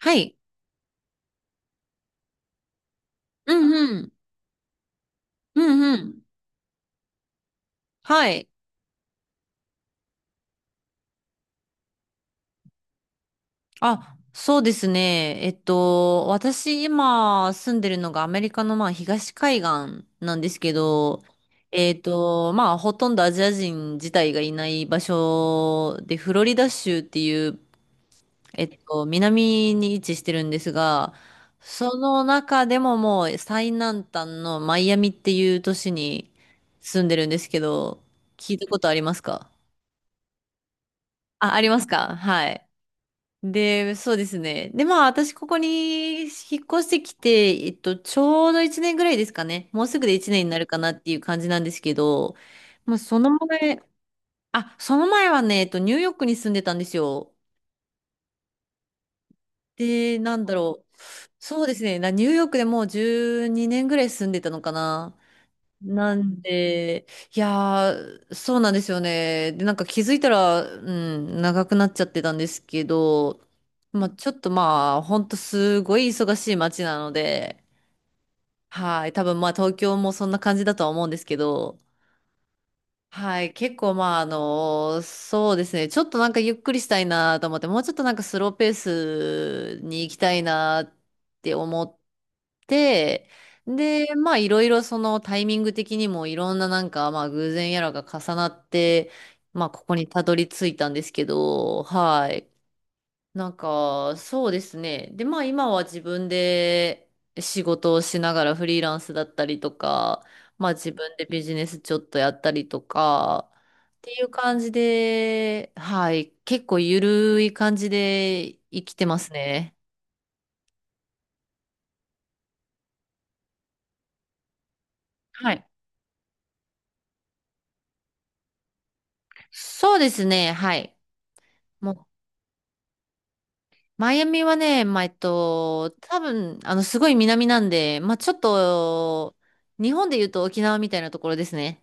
はい。うんうん。うんうん。はい。あ、そうですね。私今住んでるのがアメリカの東海岸なんですけど、ほとんどアジア人自体がいない場所で、フロリダ州っていう、南に位置してるんですが、その中でももう最南端のマイアミっていう都市に住んでるんですけど、聞いたことありますか？あ、ありますか、はい。で、そうですね。で、まあ、私、ここに引っ越してきて、ちょうど1年ぐらいですかね。もうすぐで1年になるかなっていう感じなんですけど、まあ、その前、あ、その前はね、えっと、ニューヨークに住んでたんですよ。で、なんだろう。そうですね。なニューヨークでもう12年ぐらい住んでたのかな。なんで、いやー、そうなんですよね。で、なんか気づいたら、うん、長くなっちゃってたんですけど、まあちょっとまあ、ほんとすごい忙しい街なので、はい、多分まあ東京もそんな感じだとは思うんですけど、はい、結構まあそうですね、ちょっとなんかゆっくりしたいなと思って、もうちょっとなんかスローペースに行きたいなって思って、でまあいろいろそのタイミング的にもいろんななんかまあ偶然やらが重なって、まあここにたどり着いたんですけど、はい。なんか、そうですね。で、まあ今は自分で仕事をしながら、フリーランスだったりとか、まあ自分でビジネスちょっとやったりとか、っていう感じで、はい、結構ゆるい感じで生きてますね。はい。そうですね、はい。もう、マイアミはね、多分、すごい南なんで、まあちょっと、日本で言うと沖縄みたいなところですね。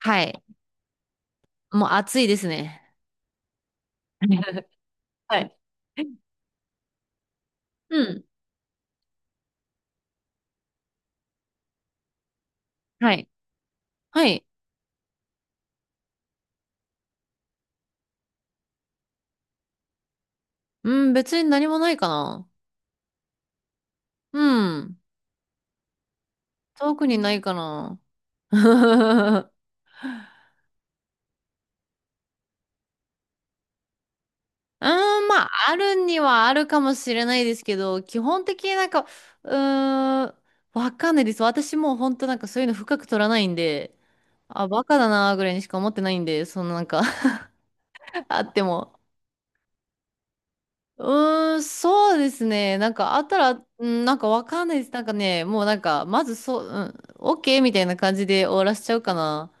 はい。もう暑いですね。はい。うん。はい。はい。うん、別に何もないかな。うん。特にないかな。うーん、まあ、あるにはあるかもしれないですけど、基本的になんか、うーん、わかんないです。私もう本当なんかそういうの深く取らないんで、あ、バカだなーぐらいにしか思ってないんで、そのなんか あっても。うーん、そうですね。なんかあったら、うん、なんかわかんないです。なんかね、もうなんか、まずそう、うん、オッケーみたいな感じで終わらしちゃうかな。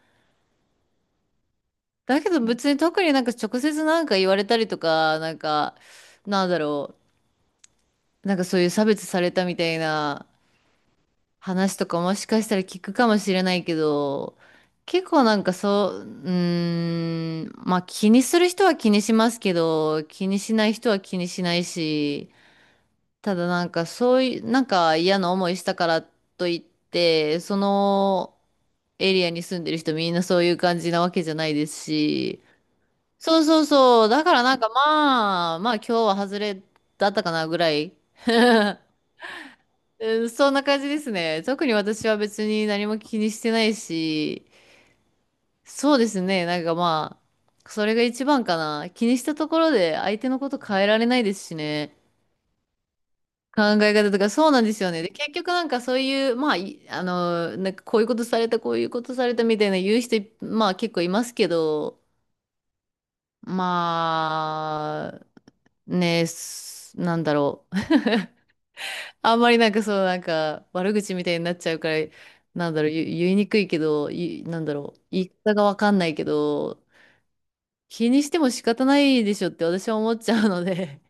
だけど別に特になんか直接なんか言われたりとか、なんか、なんだろう、なんかそういう差別されたみたいな話とかもしかしたら聞くかもしれないけど、結構なんかそう、うーん、まあ気にする人は気にしますけど、気にしない人は気にしないし、ただなんかそういう、なんか嫌な思いしたからといって、そのエリアに住んでる人みんなそういう感じなわけじゃないですし、そうそうそう、だからなんかまあ、まあ今日は外れだったかなぐらい。うん、そんな感じですね。特に私は別に何も気にしてないし、そうですね、なんかまあ、それが一番かな。気にしたところで相手のこと変えられないですしね。考え方とか、そうなんですよね。で、結局なんかそういう、まあ、いなんかこういうことされた、こういうことされたみたいな言う人、まあ結構いますけど、まあ、ね、す、なんだろう。あんまりなんかそう、なんか悪口みたいになっちゃうから、なんだろう、言いにくいけど、いなんだろう、言い方がわかんないけど、気にしても仕方ないでしょって私は思っちゃうので、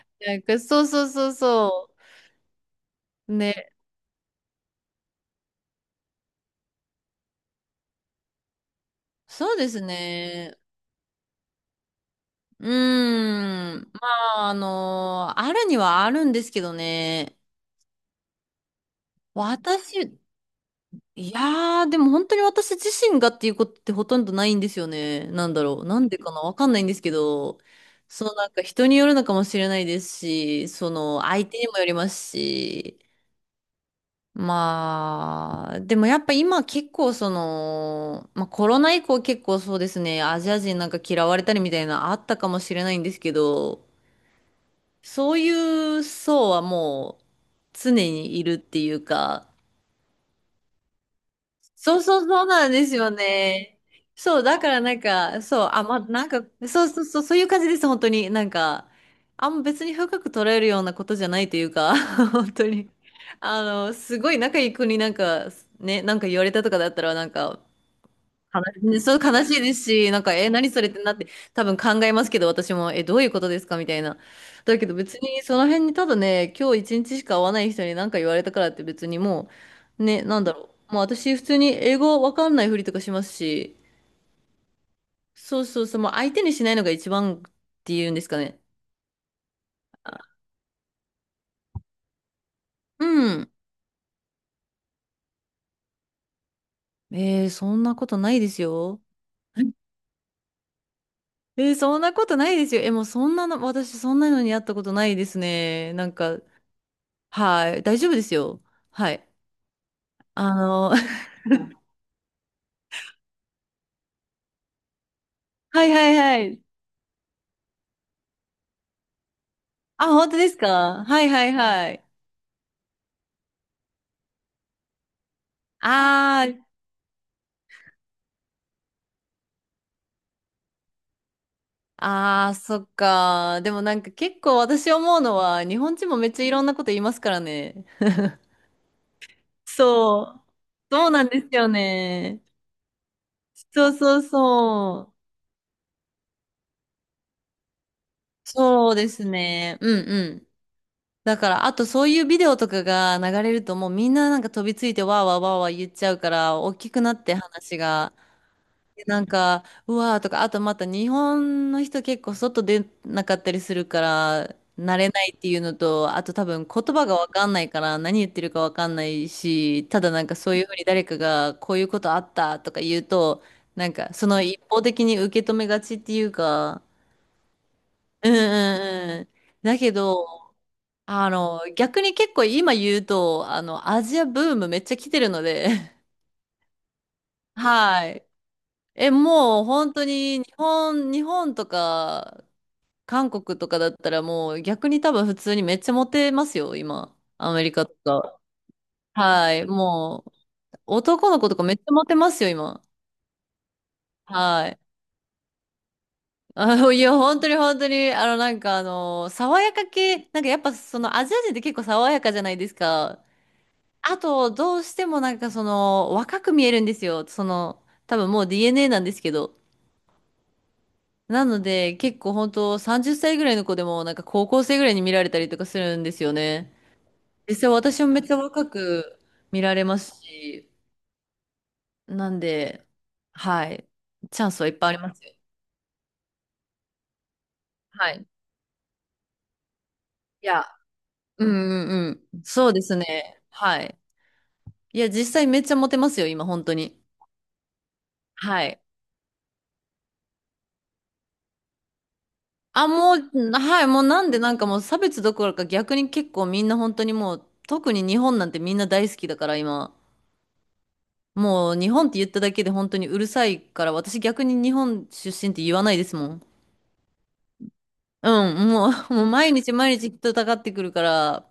なんかそうそうそうそう。ね、そうですね。うーん。まあ、あるにはあるんですけどね。私、いやー、でも本当に私自身がっていうことってほとんどないんですよね。なんだろう。なんでかなわかんないんですけど、そのなんか人によるのかもしれないですし、その相手にもよりますし、まあ、でもやっぱ今結構その、まあコロナ以降結構そうですね、アジア人なんか嫌われたりみたいなのあったかもしれないんですけど、そういう層はもう常にいるっていうか、そうそうそうなんですよね。そう、だからなんか、そう、あ、ま、なんか、そうそうそう、そういう感じです、本当に。なんか、あんま別に深く捉えるようなことじゃないというか、本当に。すごい仲いい子になんか、ね、なんか言われたとかだったら、なんか、悲しい、そう悲しいですし、なんか、え、何それってなって、多分考えますけど、私も、え、どういうことですかみたいな。だけど別に、その辺にただね、今日一日しか会わない人に何か言われたからって別にもう、ね、なんだろう。もう私、普通に英語わかんないふりとかしますし、そうそうそう、もう相手にしないのが一番っていうんですかね。うん。えー、そんなことないですよ。えー、そんなことないですよ。え、もうそんなの、私そんなのに会ったことないですね。なんか、はい、大丈夫ですよ。はい。あの、はいはいはい。あ、本当ですか、はいはいはい。あー、あー、そっか。でもなんか結構私思うのは、日本人もめっちゃいろんなこと言いますからね。そう。そうなんですよね。そうそうそう。そうですね。うんうん。だから、あとそういうビデオとかが流れるともうみんななんか飛びついてわーわーわーわー言っちゃうから、大きくなって話が。なんか、うわーとか、あとまた日本の人結構外出なかったりするから、慣れないっていうのと、あと多分言葉がわかんないから何言ってるかわかんないし、ただなんかそういうふうに誰かがこういうことあったとか言うと、なんかその一方的に受け止めがちっていうか、うんうんうん。だけど、逆に結構今言うと、アジアブームめっちゃ来てるので、はい。え、もう本当に日本とか韓国とかだったらもう逆に多分普通にめっちゃモテますよ、今。アメリカとか。はい。もう男の子とかめっちゃモテますよ、今。はい。いや、本当に本当に、なんか爽やか系、なんかやっぱそのアジア人って結構爽やかじゃないですか。あと、どうしてもなんかその若く見えるんですよ。その、多分もう DNA なんですけど。なので、結構本当30歳ぐらいの子でも、なんか高校生ぐらいに見られたりとかするんですよね。実際私もめっちゃ若く見られますし、なんで、はい。チャンスはいっぱいありますよ。はい。いや、うんうんうん。そうですね。はい。いや、実際めっちゃモテますよ、今、本当に。はい。あ、もう、はい、もうなんでなんかもう差別どころか逆に結構みんな本当にもう、特に日本なんてみんな大好きだから、今。もう日本って言っただけで本当にうるさいから、私逆に日本出身って言わないですもん。うん、もう毎日毎日人たかってくるから、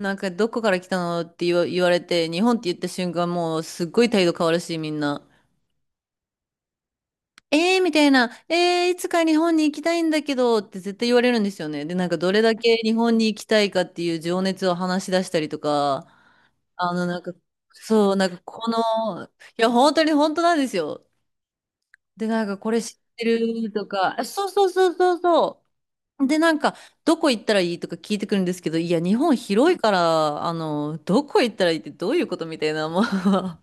なんかどこから来たのって言われて、日本って言った瞬間もうすっごい態度変わるし、みんな。えー、みたいな、えー、いつか日本に行きたいんだけどって絶対言われるんですよね。で、なんかどれだけ日本に行きたいかっていう情熱を話し出したりとか、あの、なんか、そう、なんかこの、いや、本当に本当なんですよ。で、なんかこれ知ってるとか、あそうそうそうそうそう。で、なんか、どこ行ったらいいとか聞いてくるんですけど、いや、日本広いから、どこ行ったらいいってどういうことみたいな、もう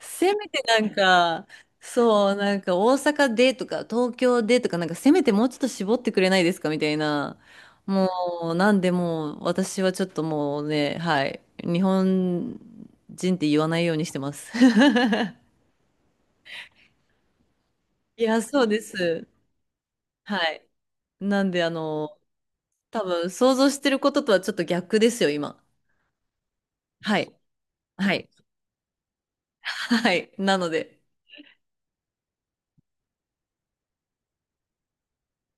せめてなんか、そう、なんか大阪でとか、東京でとか、なんかせめてもうちょっと絞ってくれないですかみたいな。もう、なんでもう、私はちょっともうね、はい、日本人って言わないようにしてます。いや、そうです。はい。なんで、多分想像してることとはちょっと逆ですよ、今。はい。はい。はい。なので、